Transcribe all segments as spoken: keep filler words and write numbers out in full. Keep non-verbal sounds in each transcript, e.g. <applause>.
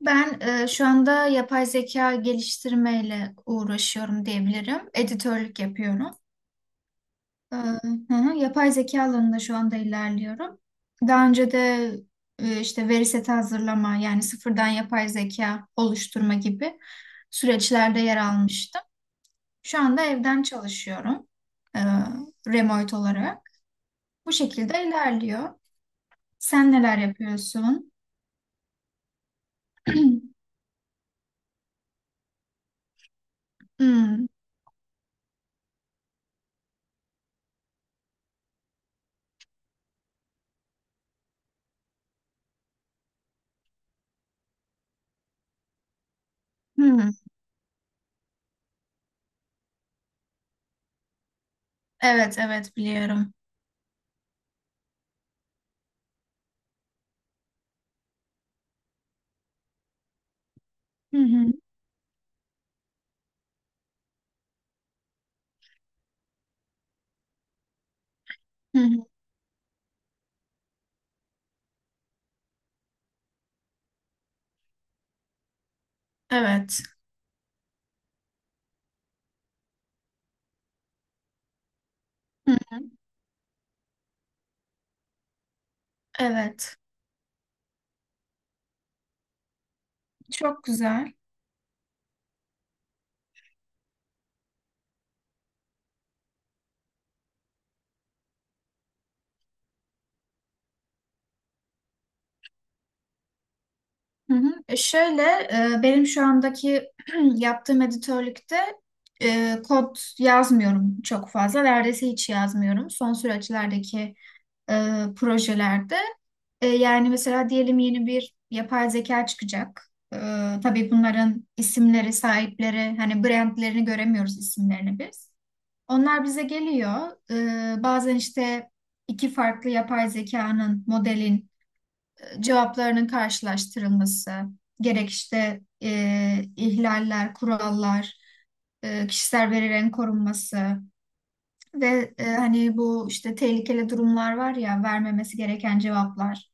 Ben e, şu anda yapay zeka geliştirmeyle uğraşıyorum diyebilirim. Editörlük yapıyorum. E, hı hı, yapay zeka alanında şu anda ilerliyorum. Daha önce de e, işte veri seti hazırlama yani sıfırdan yapay zeka oluşturma gibi süreçlerde yer almıştım. Şu anda evden çalışıyorum e, remote olarak. Bu şekilde ilerliyor. Sen neler yapıyorsun? <clears throat> Hmm, hmm. Evet, evet biliyorum. Hı hı. Hı hı. Evet. Hı hı. Evet. Çok güzel. Hı hı. E, Şöyle e, benim şu andaki <clears throat> yaptığım editörlükte e, kod yazmıyorum çok fazla. Neredeyse hiç yazmıyorum. Son süreçlerdeki e, projelerde. E, yani mesela diyelim yeni bir yapay zeka çıkacak. E, tabii bunların isimleri, sahipleri, hani brandlerini göremiyoruz isimlerini biz. Onlar bize geliyor. E, bazen işte iki farklı yapay zekanın, modelin cevaplarının karşılaştırılması, gerek işte e, ihlaller, kurallar, e, kişisel verilerin korunması ve e, hani bu işte tehlikeli durumlar var ya vermemesi gereken cevaplar,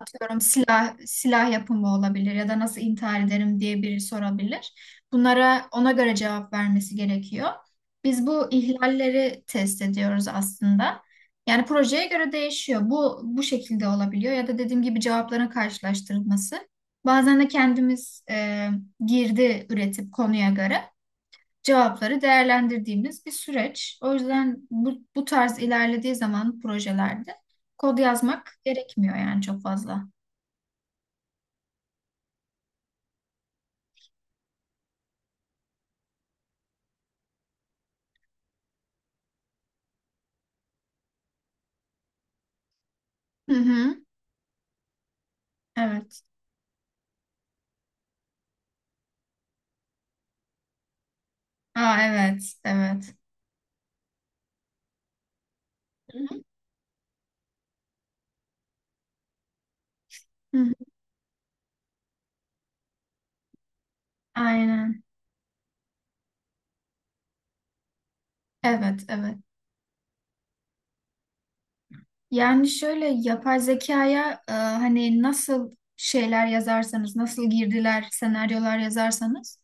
atıyorum silah silah yapımı olabilir ya da nasıl intihar ederim diye biri sorabilir. Bunlara ona göre cevap vermesi gerekiyor. Biz bu ihlalleri test ediyoruz aslında. Yani projeye göre değişiyor. Bu bu şekilde olabiliyor ya da dediğim gibi cevapların karşılaştırılması. Bazen de kendimiz e, girdi üretip konuya göre cevapları değerlendirdiğimiz bir süreç. O yüzden bu, bu tarz ilerlediği zaman projelerde kod yazmak gerekmiyor yani çok fazla. Hı hı. Evet. Aa, evet, evet. Hı hı. Hı hı. Aynen. Evet, evet. Yani şöyle yapay zekaya, e, hani nasıl şeyler yazarsanız, nasıl girdiler, senaryolar yazarsanız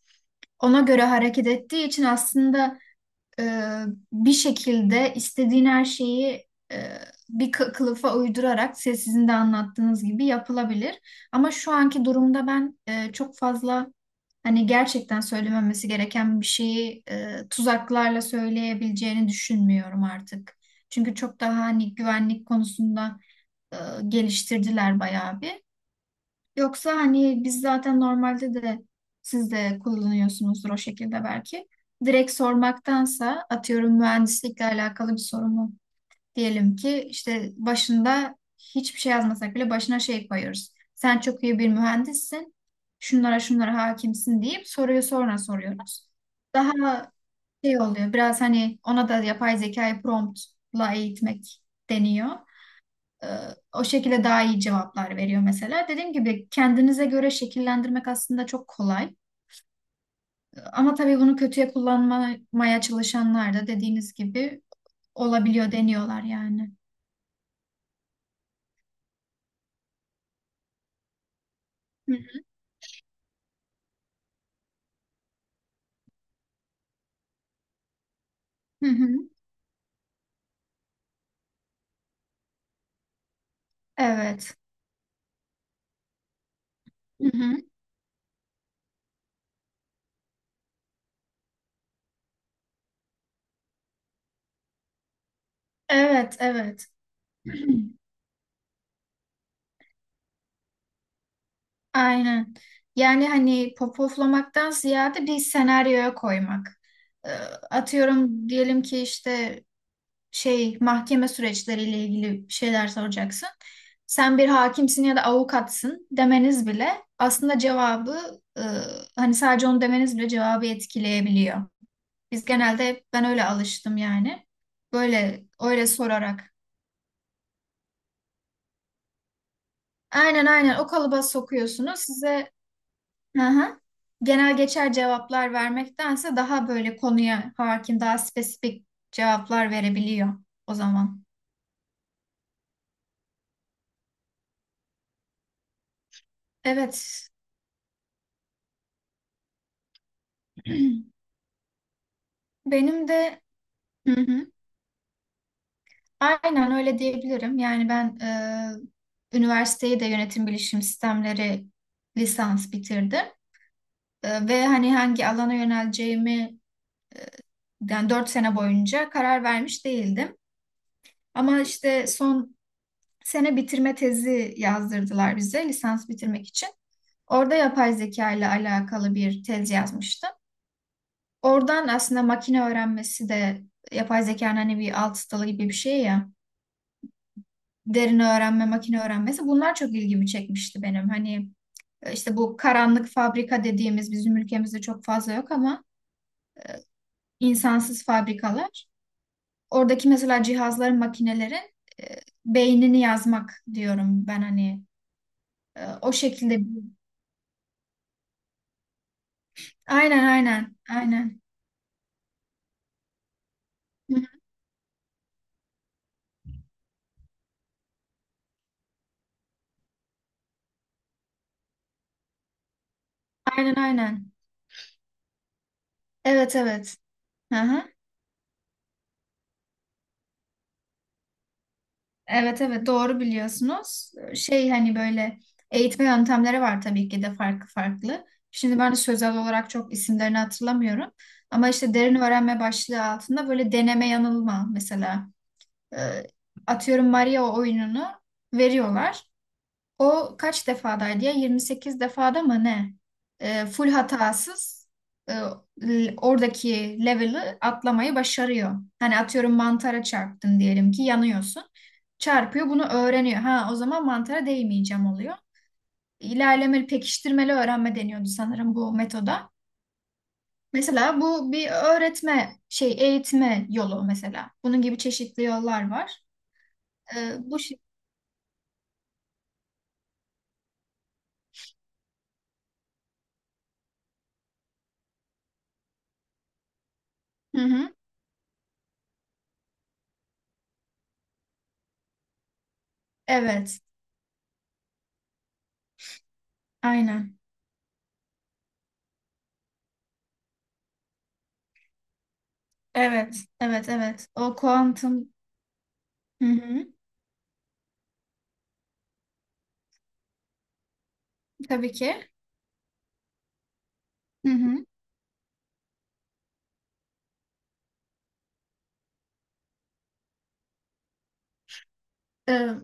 ona göre hareket ettiği için aslında, e, bir şekilde istediğin her şeyi e, bir kı- kılıfa uydurarak, se- sizin de anlattığınız gibi yapılabilir. Ama şu anki durumda ben e, çok fazla, hani, gerçekten söylememesi gereken bir şeyi e, tuzaklarla söyleyebileceğini düşünmüyorum artık. Çünkü çok daha hani güvenlik konusunda e, geliştirdiler bayağı bir. Yoksa hani biz zaten normalde de siz de kullanıyorsunuzdur o şekilde belki. Direkt sormaktansa, atıyorum, mühendislikle alakalı bir sorumu diyelim ki işte başında hiçbir şey yazmasak bile başına şey koyuyoruz. Sen çok iyi bir mühendissin. Şunlara şunlara hakimsin deyip soruyu sonra soruyoruz. Daha şey oluyor biraz, hani ona da yapay zekayı promptla eğitmek deniyor. Ee, O şekilde daha iyi cevaplar veriyor mesela. Dediğim gibi kendinize göre şekillendirmek aslında çok kolay. Ama tabii bunu kötüye kullanmaya çalışanlar da dediğiniz gibi olabiliyor, deniyorlar yani. Hı hı. Hı hı. Evet. Hı hı. Evet, evet. <clears throat> Aynen. Yani hani popoflamaktan ziyade bir senaryoya koymak. Ee, Atıyorum, diyelim ki işte şey mahkeme süreçleriyle ilgili bir şeyler soracaksın. Sen bir hakimsin ya da avukatsın demeniz bile aslında cevabı, e, hani sadece onu demeniz bile cevabı etkileyebiliyor. Biz genelde hep, ben öyle alıştım yani. Böyle öyle sorarak. Aynen aynen o kalıba sokuyorsunuz. Size, hı hı, genel geçer cevaplar vermektense daha böyle konuya hakim, daha spesifik cevaplar verebiliyor o zaman. Evet. <clears throat> Benim de <clears throat> aynen öyle diyebilirim. Yani ben e, üniversiteyi de yönetim bilişim sistemleri lisans bitirdim. E, ve hani hangi alana yöneleceğimi, yani dört sene boyunca karar vermiş değildim. Ama işte son sene bitirme tezi yazdırdılar bize, lisans bitirmek için. Orada yapay zeka ile alakalı bir tez yazmıştım. Oradan aslında makine öğrenmesi de, yapay zekanın hani bir alt dalı gibi bir şey ya. Derin öğrenme, makine öğrenmesi bunlar çok ilgimi çekmişti benim. Hani e, işte bu karanlık fabrika dediğimiz bizim ülkemizde çok fazla yok ama, insansız fabrikalar. Oradaki mesela cihazların, makinelerin e, beynini yazmak diyorum ben, hani. E, o şekilde. Aynen aynen aynen. Hı, aynen aynen. Evet evet. Hı hı. Evet evet, doğru biliyorsunuz. Şey hani böyle eğitme yöntemleri var tabii ki de, farklı farklı. Şimdi ben de sözel olarak çok isimlerini hatırlamıyorum. Ama işte derin öğrenme başlığı altında böyle deneme yanılma mesela. e, Atıyorum, Maria oyununu veriyorlar. O kaç defadaydı ya? yirmi sekiz defada mı ne? Ee, full hatasız, e, l- oradaki level'ı atlamayı başarıyor. Hani atıyorum mantara çarptın diyelim ki, yanıyorsun. Çarpıyor, bunu öğreniyor. Ha, o zaman mantara değmeyeceğim oluyor. İlerlemeli pekiştirmeli öğrenme deniyordu sanırım bu metoda. Mesela bu bir öğretme şey, eğitme yolu mesela. Bunun gibi çeşitli yollar var. Ee, bu şey. Hı hı. Evet. Aynen. Evet, evet, evet. O kuantum, hı hı, tabii ki. Hı hı. Ee,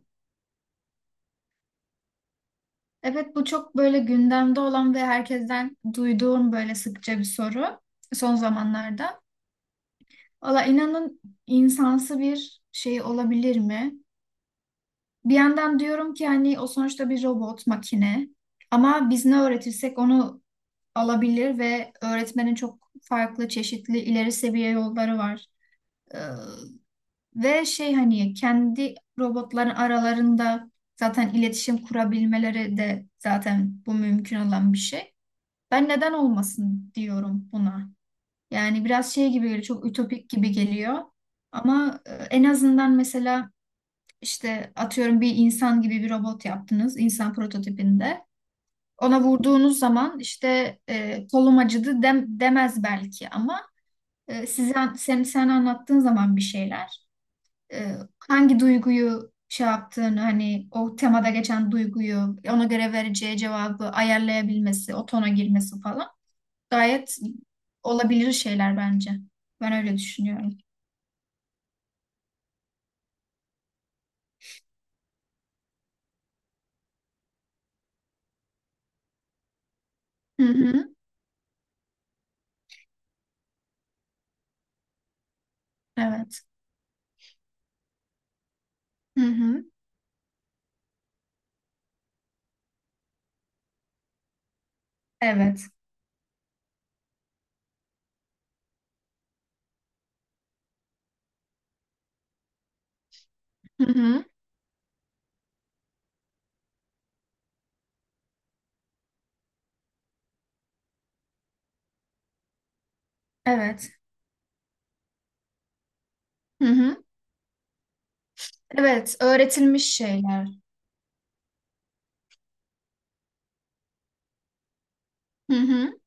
evet, bu çok böyle gündemde olan ve herkesten duyduğum böyle sıkça bir soru son zamanlarda. Valla inanın, insansı bir şey olabilir mi? Bir yandan diyorum ki hani, o sonuçta bir robot, makine. Ama biz ne öğretirsek onu alabilir, ve öğretmenin çok farklı, çeşitli, ileri seviye yolları var. Ve şey hani kendi robotların aralarında zaten iletişim kurabilmeleri de, zaten bu mümkün olan bir şey. Ben neden olmasın diyorum buna. Yani biraz şey gibi geliyor, çok ütopik gibi geliyor. Ama e, en azından mesela, işte atıyorum bir insan gibi bir robot yaptınız, insan prototipinde. Ona vurduğunuz zaman işte e, kolum acıdı dem demez belki ama e, size sen sen anlattığın zaman bir şeyler, e, hangi duyguyu şey yaptığını, hani o temada geçen duyguyu ona göre vereceği cevabı ayarlayabilmesi, o tona girmesi falan gayet olabilir şeyler bence. Ben öyle düşünüyorum. Hı hı. Evet. Hı hı. Evet. Hı hı. Evet. Hı hı. Evet, öğretilmiş şeyler. Hı hı.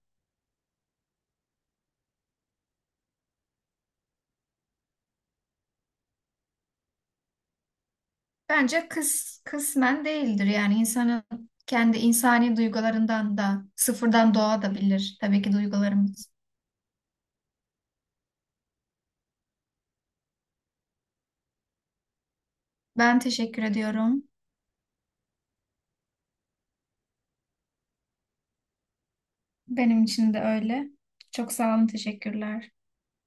Bence kıs, kısmen değildir. Yani insanın kendi insani duygularından da sıfırdan doğabilir. Tabii ki duygularımız. Ben teşekkür ediyorum. Benim için de öyle. Çok sağ olun, teşekkürler.